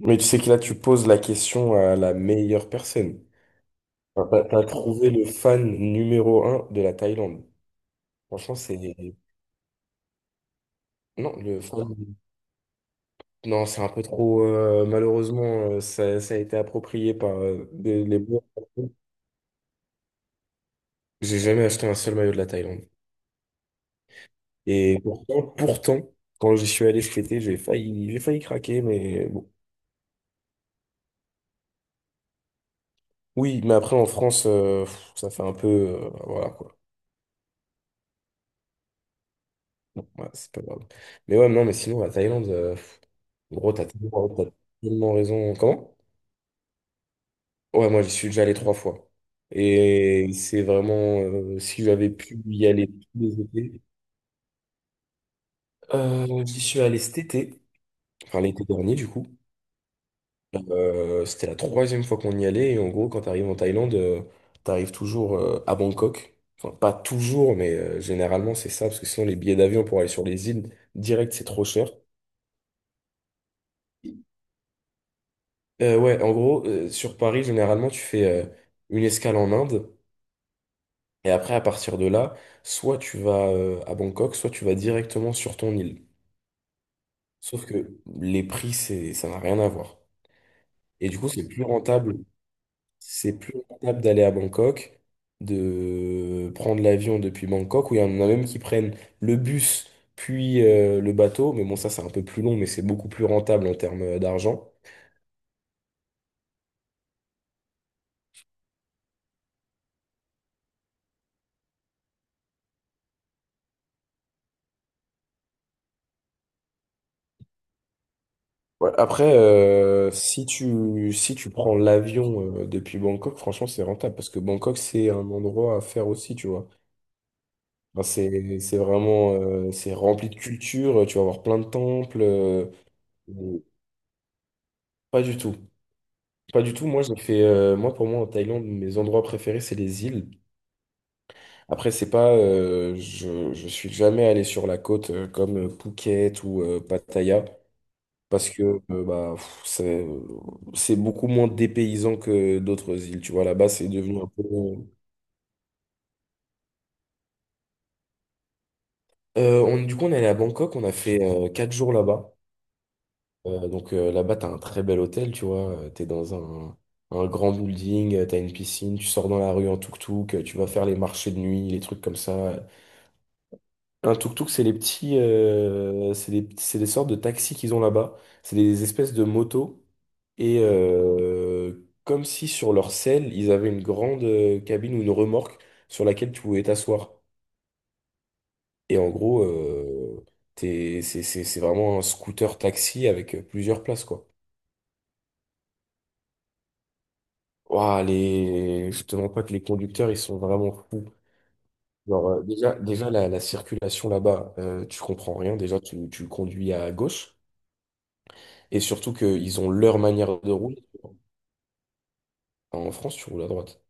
Mais tu sais que là, tu poses la question à la meilleure personne. Enfin, T'as trouvé le fan numéro un de la Thaïlande. Franchement, c'est... Non, le fan... Non, c'est un peu trop... malheureusement, ça a été approprié par les bons. J'ai jamais acheté un seul maillot de la Thaïlande. Et pourtant, quand j'y suis allé cet été, j'ai failli craquer, mais bon. Oui, mais après, en France, ça fait un peu... voilà, quoi. Bon, ouais, c'est pas grave. Mais ouais, non, mais sinon, la Thaïlande, gros, t'as tellement raison. Comment? Ouais, moi, j'y suis déjà allé trois fois. Et c'est vraiment, si j'avais pu y aller tous les étés, j'y suis allé cet été, enfin l'été dernier, du coup. C'était la troisième fois qu'on y allait. Et en gros, quand t'arrives en Thaïlande, t'arrives toujours à Bangkok. Enfin, pas toujours, mais généralement, c'est ça, parce que sinon, les billets d'avion pour aller sur les îles direct, c'est trop cher. Ouais, en gros, sur Paris, généralement, tu fais une escale en Inde. Et après, à partir de là, soit tu vas à Bangkok, soit tu vas directement sur ton île. Sauf que les prix, c'est, ça n'a rien à voir. Et du coup, c'est plus rentable. C'est plus rentable d'aller à Bangkok, de prendre l'avion depuis Bangkok, où il y en a même qui prennent le bus, puis le bateau. Mais bon, ça, c'est un peu plus long, mais c'est beaucoup plus rentable en termes d'argent. Ouais, après, si tu prends l'avion depuis Bangkok, franchement, c'est rentable parce que Bangkok, c'est un endroit à faire aussi, tu vois. Enfin, c'est vraiment, c'est rempli de culture, tu vas voir plein de temples. Mais pas du tout. Pas du tout. Moi, j'ai fait, moi, pour moi, en Thaïlande, mes endroits préférés, c'est les îles. Après, c'est pas, je suis jamais allé sur la côte comme Phuket ou Pattaya. Parce que bah, c'est beaucoup moins dépaysant que d'autres îles. Tu vois, là-bas, c'est devenu un peu. On, du coup, on est allé à Bangkok, on a fait 4 jours là-bas. Donc là-bas, t'as un très bel hôtel, tu vois. Tu t'es dans un, un grand building, t'as une piscine, tu sors dans la rue en tuk-tuk, tu vas faire les marchés de nuit, les trucs comme ça. Un tuk-tuk, c'est les petits, c'est des sortes de taxis qu'ils ont là-bas. C'est des espèces de motos. Et comme si sur leur selle, ils avaient une grande cabine ou une remorque sur laquelle tu pouvais t'asseoir. Et en gros, c'est vraiment un scooter taxi avec plusieurs places, quoi. Ouah, les... Je te demande pas que les conducteurs, ils sont vraiment fous. Genre, déjà la circulation là-bas, tu comprends rien. Déjà, tu conduis à gauche. Et surtout qu'ils ont leur manière de rouler. En France, tu roules à droite.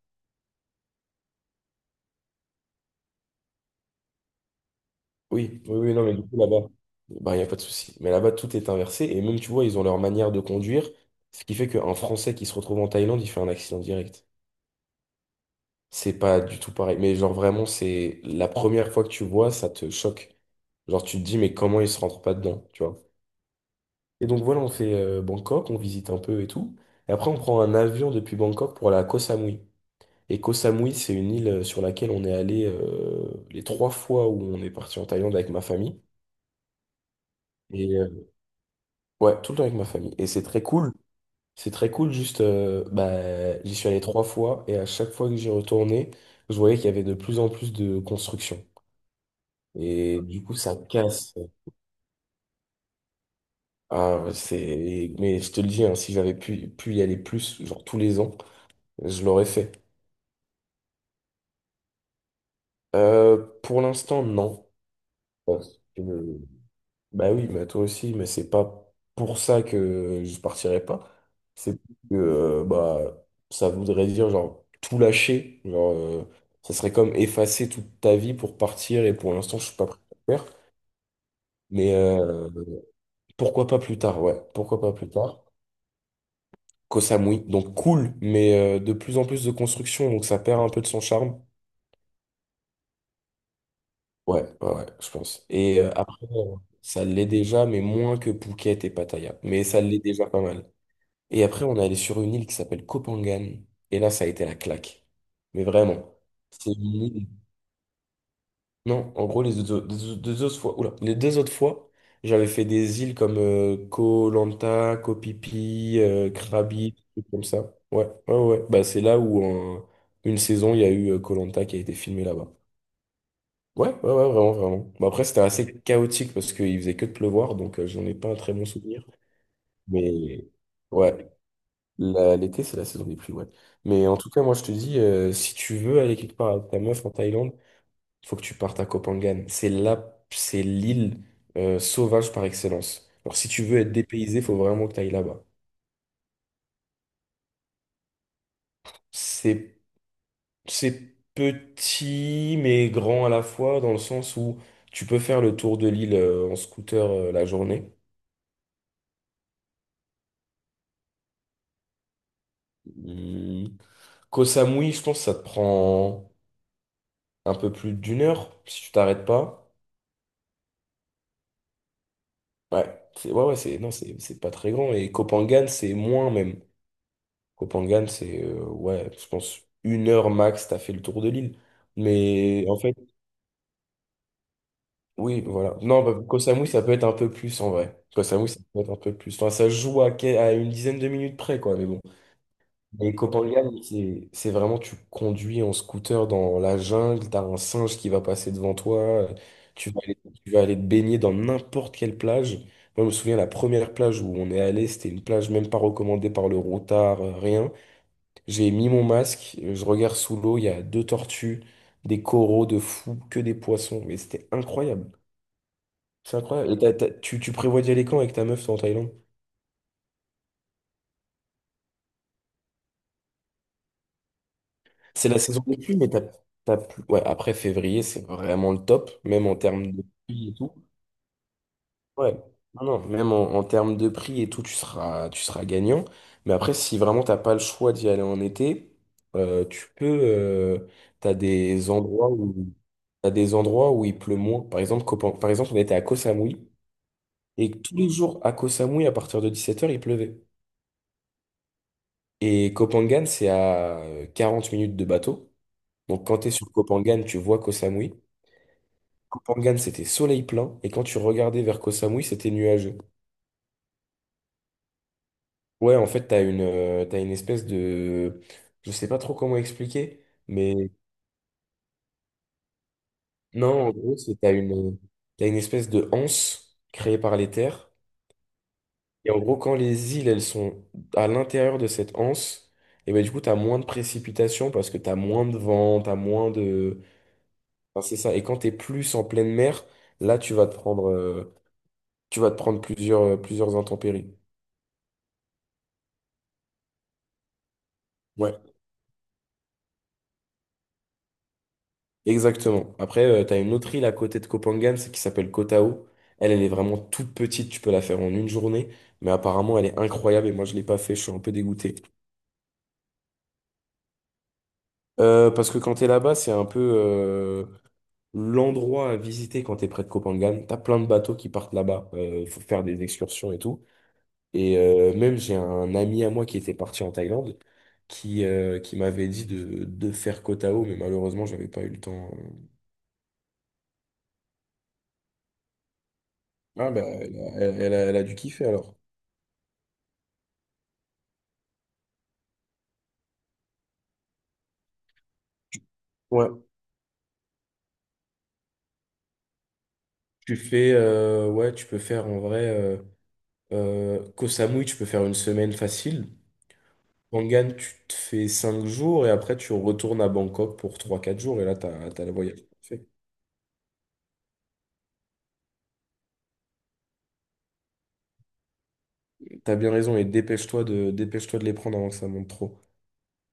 Oui, oui, oui, non, mais du coup, là-bas, bah, il n'y a pas de souci. Mais là-bas, tout est inversé. Et même, tu vois, ils ont leur manière de conduire. Ce qui fait qu'un Français qui se retrouve en Thaïlande, il fait un accident direct. C'est pas du tout pareil. Mais genre, vraiment, c'est la première fois que tu vois, ça te choque. Genre, tu te dis, mais comment ils se rentrent pas dedans, tu vois? Et donc, voilà, on fait Bangkok, on visite un peu et tout. Et après, on prend un avion depuis Bangkok pour aller à Koh Samui. Et Koh Samui, c'est une île sur laquelle on est allé les trois fois où on est parti en Thaïlande avec ma famille. Et ouais, tout le temps avec ma famille. Et c'est très cool. C'est très cool, juste, bah, j'y suis allé trois fois et à chaque fois que j'y retournais, je voyais qu'il y avait de plus en plus de construction. Et du coup, ça casse. Ah, c'est... Mais je te le dis, hein, si j'avais pu y aller plus, genre tous les ans, je l'aurais fait. Euh, pour l'instant, non. Euh, Bah oui, bah toi aussi, mais c'est pas pour ça que je partirais pas. C'est que bah ça voudrait dire genre tout lâcher, genre ça serait comme effacer toute ta vie pour partir et pour l'instant je suis pas prêt à le faire. Mais pourquoi pas plus tard, ouais, pourquoi pas plus tard. Koh Samui, donc cool, mais de plus en plus de construction, donc ça perd un peu de son charme. Ouais, ouais, ouais, je pense. Et après, ça l'est déjà, mais moins que Phuket et Pattaya. Mais ça l'est déjà pas mal. Et après, on est allé sur une île qui s'appelle Kopangan. Et là, ça a été la claque. Mais vraiment. C'est une île. Non, en gros, les deux, au- deux- deux autres fois, oula, les deux autres fois, j'avais fait des îles comme Koh Lanta, Koh Phi Phi, Krabi, des trucs comme ça. Ouais, ouais, ouais, ouais. Bah, c'est là où, en une saison, il y a eu Koh Lanta qui a été filmé là-bas. Ouais, ouais, ouais, vraiment, vraiment. Bah, après, c'était assez chaotique parce qu'il faisait que de pleuvoir, donc j'en ai pas un très bon souvenir. Mais ouais, l'été, c'est la saison des pluies, ouais. Mais en tout cas, moi, je te dis, si tu veux aller quelque part avec ta meuf en Thaïlande, il faut que tu partes à Koh Phangan. C'est là, c'est l'île sauvage par excellence. Alors, si tu veux être dépaysé, faut vraiment que tu ailles là-bas. C'est, c'est petit, mais grand à la fois, dans le sens où tu peux faire le tour de l'île en scooter la journée. Hum, Koh Samui, je pense que ça te prend un peu plus d'une heure, si tu t'arrêtes pas. Ouais, c'est ouais, ouais, c'est non, c'est pas très grand. Et Kopangan, c'est moins même. Kopangan, c'est ouais, je pense une heure max, t'as fait le tour de l'île. Mais en fait, oui, voilà. Non, bah, Koh Samui, ça peut être un peu plus en vrai. Koh Samui, ça peut être un peu plus. Enfin, ça se joue à une dizaine de minutes près, quoi. Mais bon. Mais Kopangan, c'est vraiment, tu conduis en scooter dans la jungle, t'as un singe qui va passer devant toi, euh, tu vas aller, tu vas aller te baigner dans n'importe quelle plage. Moi, je me souviens, la première plage où on est allé, c'était une plage même pas recommandée par le routard, rien. J'ai mis mon masque, je regarde sous l'eau, il y a deux tortues, des coraux de fous, que des poissons, mais c'était incroyable. C'est incroyable. Et tu prévois d'y aller quand avec ta meuf toi, en Thaïlande? C'est la saison des pluies, mais t'as plus... ouais, après février, c'est vraiment le top, même en termes de prix et tout. Ouais, non, non, même en termes de prix et tout, tu seras gagnant. Mais après, si vraiment t'as pas le choix d'y aller en été, tu peux. T'as des endroits où t'as des endroits où il pleut moins. Par exemple, par exemple, on était à Koh Samui et tous les jours à Koh Samui, à partir de 17h, il pleuvait. Et Koh Phangan, c'est à 40 minutes de bateau. Donc quand tu es sur Koh Phangan, tu vois Koh Samui. Kopangan, c'était soleil plein, et quand tu regardais vers Koh Samui, c'était nuageux. Ouais, en fait, t'as une espèce de... Je sais pas trop comment expliquer, mais non, en gros, c'est t'as une espèce de anse créée par les terres. Et en gros, quand les îles, elles sont à l'intérieur de cette anse, et ben du coup, t'as moins de précipitations parce que t'as moins de vent, t'as moins de... Enfin, c'est ça. Et quand t'es plus en pleine mer, là, tu vas te prendre, tu vas te prendre plusieurs intempéries. Ouais. Exactement. Après, tu as une autre île à côté de Kopangan, c'est qui s'appelle Koh Tao. Elle, elle est vraiment toute petite, tu peux la faire en une journée, mais apparemment, elle est incroyable et moi, je l'ai pas fait, je suis un peu dégoûté. Parce que quand t'es là-bas, c'est un peu l'endroit à visiter quand t'es près de Kopangan. Tu as plein de bateaux qui partent là-bas, il faut faire des excursions et tout. Et même, j'ai un ami à moi qui était parti en Thaïlande, qui m'avait dit de faire Koh Tao, mais malheureusement, j'avais pas eu le temps. Ah bah, elle a dû kiffer alors. Ouais. Tu fais, ouais, tu peux faire en vrai, Koh Samui, tu peux faire une semaine facile. Pangan, tu te fais 5 jours et après tu retournes à Bangkok pour trois quatre jours et là, t'as le voyage fait. T'as bien raison et dépêche-toi de les prendre avant que ça monte trop.